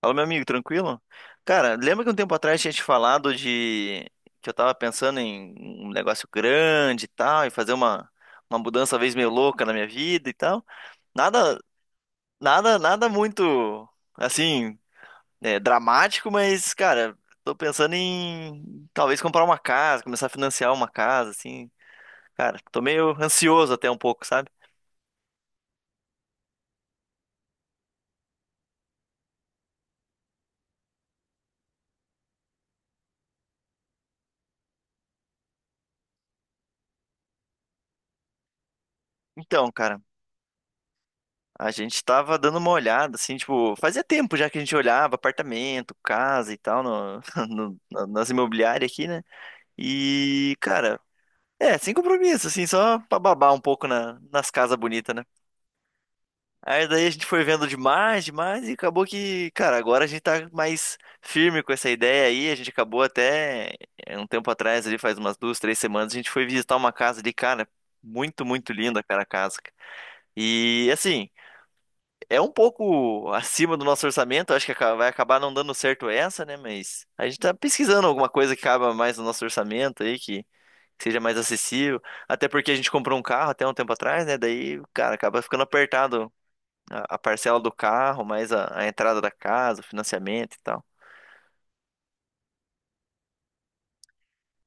Fala, meu amigo, tranquilo? Cara, lembra que um tempo atrás tinha te falado de que eu tava pensando em um negócio grande e tal, e fazer uma mudança talvez meio louca na minha vida e tal? Nada, nada, muito assim, dramático, mas, cara, tô pensando em talvez comprar uma casa, começar a financiar uma casa, assim. Cara, tô meio ansioso até um pouco, sabe? Então, cara. A gente tava dando uma olhada, assim, tipo, fazia tempo já que a gente olhava apartamento, casa e tal, nas imobiliárias aqui, né? E, cara, sem compromisso, assim, só pra babar um pouco nas casas bonitas, né? Aí daí a gente foi vendo demais, demais, e acabou que, cara, agora a gente tá mais firme com essa ideia aí. A gente acabou até um tempo atrás, ali, faz umas duas, três semanas, a gente foi visitar uma casa ali, cara, muito, muito linda, cara, a casa. E assim. É um pouco acima do nosso orçamento, acho que vai acabar não dando certo essa, né? Mas a gente tá pesquisando alguma coisa que caiba mais no nosso orçamento aí, que seja mais acessível. Até porque a gente comprou um carro até um tempo atrás, né? Daí, cara, acaba ficando apertado a parcela do carro, mais a entrada da casa, o financiamento e tal.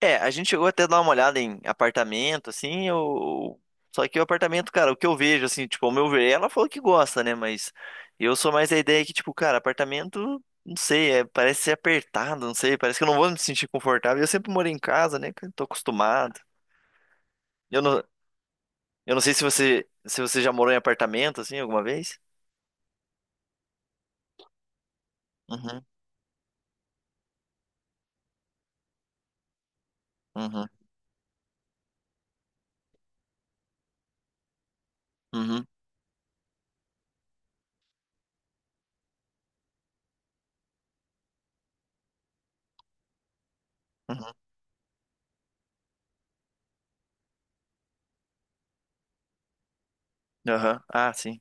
É, a gente chegou até a dar uma olhada em apartamento, assim, eu... Só que o apartamento, cara, o que eu vejo, assim, tipo, ao meu ver, ela falou que gosta, né? Mas eu sou mais da ideia que, tipo, cara, apartamento, não sei, parece ser apertado, não sei, parece que eu não vou me sentir confortável. Eu sempre morei em casa, né? Cara, tô acostumado. Eu não, eu não sei se você já morou em apartamento, assim, alguma vez? Uhum, uhum, uhum, uhum, aham, ah, sim.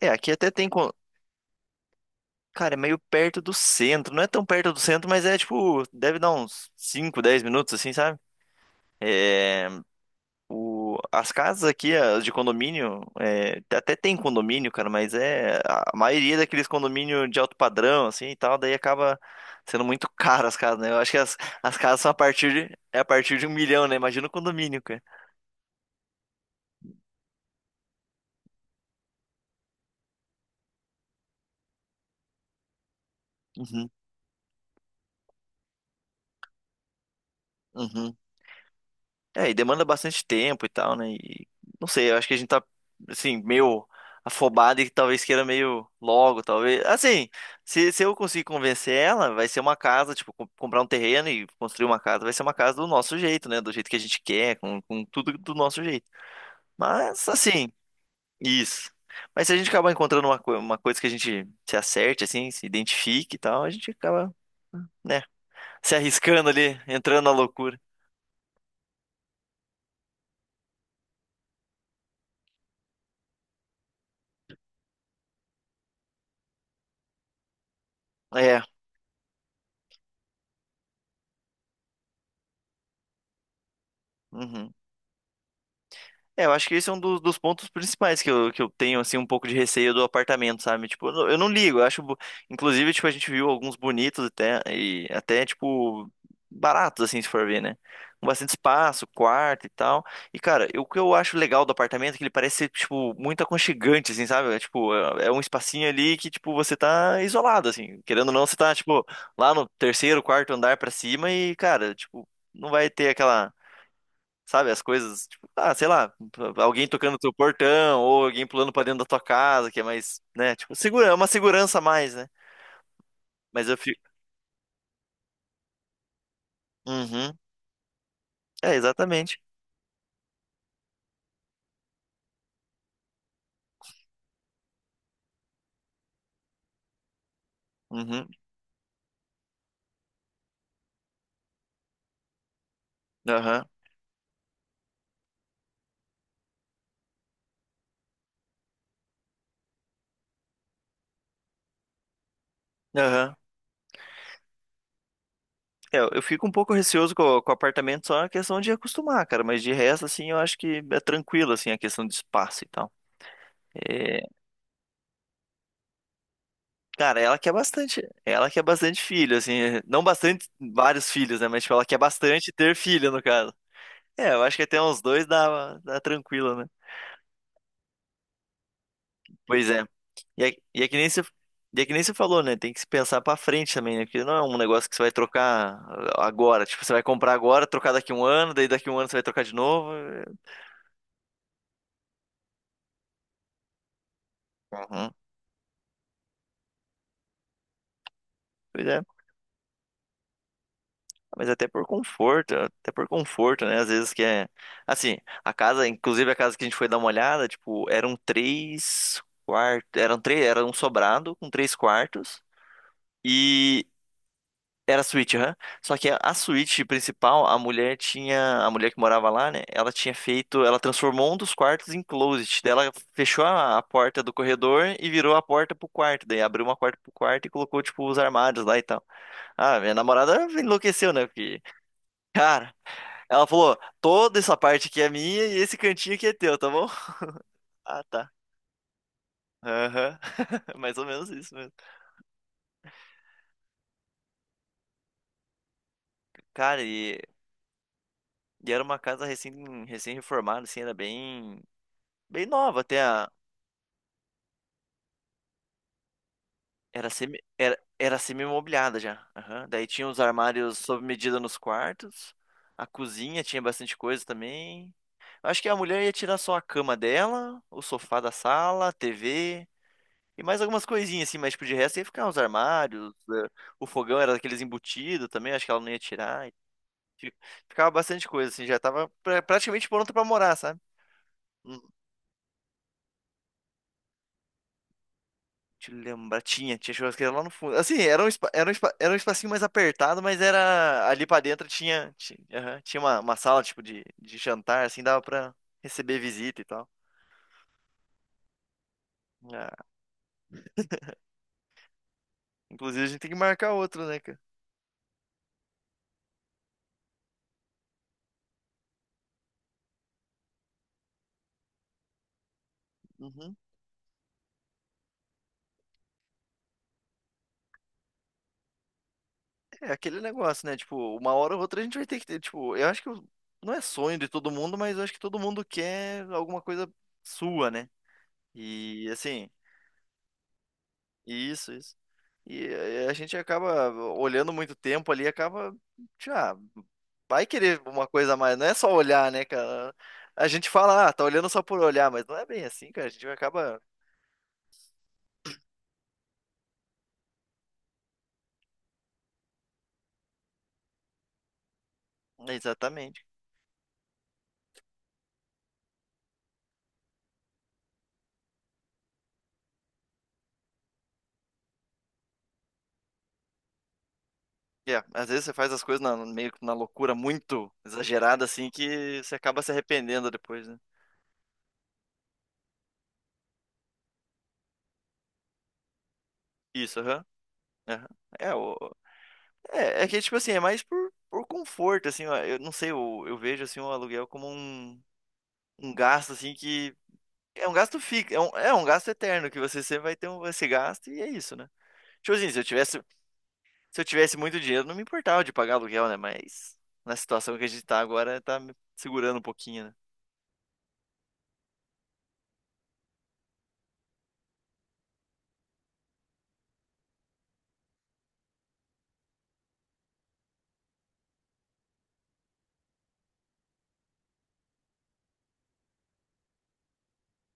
É, aqui até tem. Cara, é meio perto do centro. Não é tão perto do centro, mas é tipo, deve dar uns 5, 10 minutos, assim, sabe? É, as casas aqui, as de condomínio, até tem condomínio, cara, mas é a maioria daqueles condomínio de alto padrão, assim e tal, daí acaba sendo muito caro as casas, né? Eu acho que as casas são a partir de um milhão, né? Imagina o condomínio, cara. Uhum, uhum. É, e demanda bastante tempo e tal, né? E não sei, eu acho que a gente tá, assim, meio afobado e talvez queira meio logo, talvez. Assim, se eu conseguir convencer ela, vai ser uma casa, tipo, comprar um terreno e construir uma casa, vai ser uma casa do nosso jeito, né? Do jeito que a gente quer, com tudo do nosso jeito. Mas, assim, isso. Mas se a gente acabar encontrando uma coisa que a gente se acerte, assim, se identifique e tal, a gente acaba, né, se arriscando ali, entrando na loucura. É, uhum. É, eu acho que esse é um dos pontos principais que eu tenho, assim, um pouco de receio do apartamento, sabe? Tipo, eu não ligo, eu acho. Inclusive, tipo, a gente viu alguns bonitos até, e até, tipo, baratos, assim, se for ver, né? Com bastante espaço, quarto e tal. E, cara, o que eu acho legal do apartamento é que ele parece ser, tipo, muito aconchegante, assim, sabe? É, tipo, é um espacinho ali que, tipo, você tá isolado, assim. Querendo ou não, você tá, tipo, lá no terceiro, quarto andar pra cima e, cara, tipo, não vai ter aquela. Sabe, as coisas, tipo, ah, sei lá, alguém tocando no teu portão ou alguém pulando pra dentro da tua casa, que é mais, né, tipo, segura, é uma segurança a mais, né? Mas eu fico. Uhum, é, exatamente. Uhum, aham, aham. É, eu fico um pouco receoso com o apartamento, só na questão de acostumar, cara, mas de resto, assim, eu acho que é tranquilo, assim, a questão de espaço e tal. É, cara, ela quer bastante filho, assim, não bastante, vários filhos, né, mas, tipo, ela quer bastante ter filho, no caso. É, eu acho que até uns dois dá, tranquilo, né? Pois é. E é, e é que nem você falou, né? Tem que se pensar pra frente também, né? Porque não é um negócio que você vai trocar agora. Tipo, você vai comprar agora, trocar daqui a um ano, daí daqui a um ano você vai trocar de novo. Uhum. Pois é. Mas até por conforto, né? Às vezes que é. Assim, a casa, inclusive a casa que a gente foi dar uma olhada, tipo, eram três quartos. Eram três, era um sobrado com três quartos. Era a suíte, aham. Só que a suíte principal, a mulher tinha. A mulher que morava lá, né? Ela tinha feito. Ela transformou um dos quartos em closet. Daí ela fechou a porta do corredor e virou a porta pro quarto. Daí abriu uma porta pro quarto e colocou, tipo, os armários lá e tal. Ah, minha namorada enlouqueceu, né? Porque, cara, ela falou: toda essa parte aqui é minha e esse cantinho aqui é teu, tá bom? Ah, tá. Aham. Mais ou menos isso mesmo. Cara, e, era uma casa recém-reformada, assim, era bem. Bem nova até a, Era semi-mobiliada já. Aham. Daí tinha os armários sob medida nos quartos. A cozinha tinha bastante coisa também. Eu acho que a mulher ia tirar só a cama dela, o sofá da sala, a TV e mais algumas coisinhas assim, mas tipo, de resto ia ficar os armários, o fogão era daqueles embutidos também, acho que ela não ia tirar. E fi- ficava bastante coisa assim, já tava praticamente pronta pra morar, sabe? Deixa eu lembrar. Tinha churrasqueira lá no fundo. Assim, era um, era um espacinho mais apertado, mas era ali pra dentro tinha aham, tinha, uma sala tipo de jantar, assim, dava pra receber visita e tal. Ah, inclusive a gente tem que marcar outro, né, cara? Uhum. É aquele negócio, né? Tipo, uma hora ou outra a gente vai ter que ter, tipo, eu acho que não é sonho de todo mundo, mas eu acho que todo mundo quer alguma coisa sua, né? E assim. Isso, isso. E a gente acaba olhando muito tempo ali, acaba já vai querer uma coisa a mais, não é só olhar, né, cara? A gente fala, ah, tá olhando só por olhar, mas não é bem assim, cara. A gente acaba. Exatamente. É, às vezes você faz as coisas meio que na loucura muito exagerada, assim, que você acaba se arrependendo depois, né? Isso, aham. Aham. É, o... é que, tipo assim, é mais por conforto, assim, ó. Eu não sei, eu vejo, assim, o aluguel como um gasto, assim, que é um gasto fixo, é um, gasto eterno que você sempre vai ter um, esse gasto e é isso, né? Tipo assim, se eu tivesse muito dinheiro, não me importava de pagar aluguel, né? Mas na situação que a gente tá agora, tá me segurando um pouquinho, né?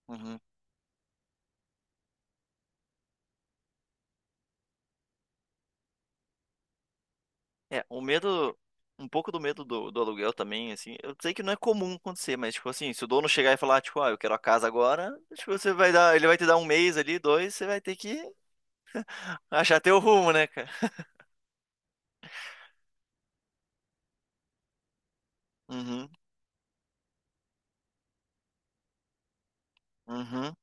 Uhum. É, o medo, um pouco do medo do aluguel também, assim, eu sei que não é comum acontecer, mas tipo assim, se o dono chegar e falar, tipo, ah, eu quero a casa agora, tipo, você vai dar, ele vai te dar um mês ali, dois, você vai ter que achar teu rumo, né, cara? Uhum, uhum.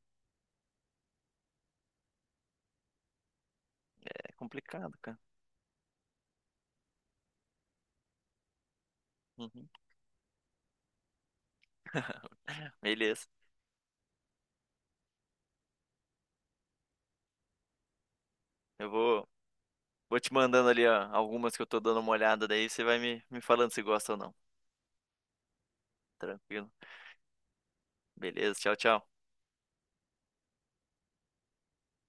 É complicado, cara. Uhum. Beleza. Eu vou Vou te mandando ali, ó, algumas que eu tô dando uma olhada daí, você vai me falando se gosta ou não. Tranquilo. Beleza, tchau, tchau.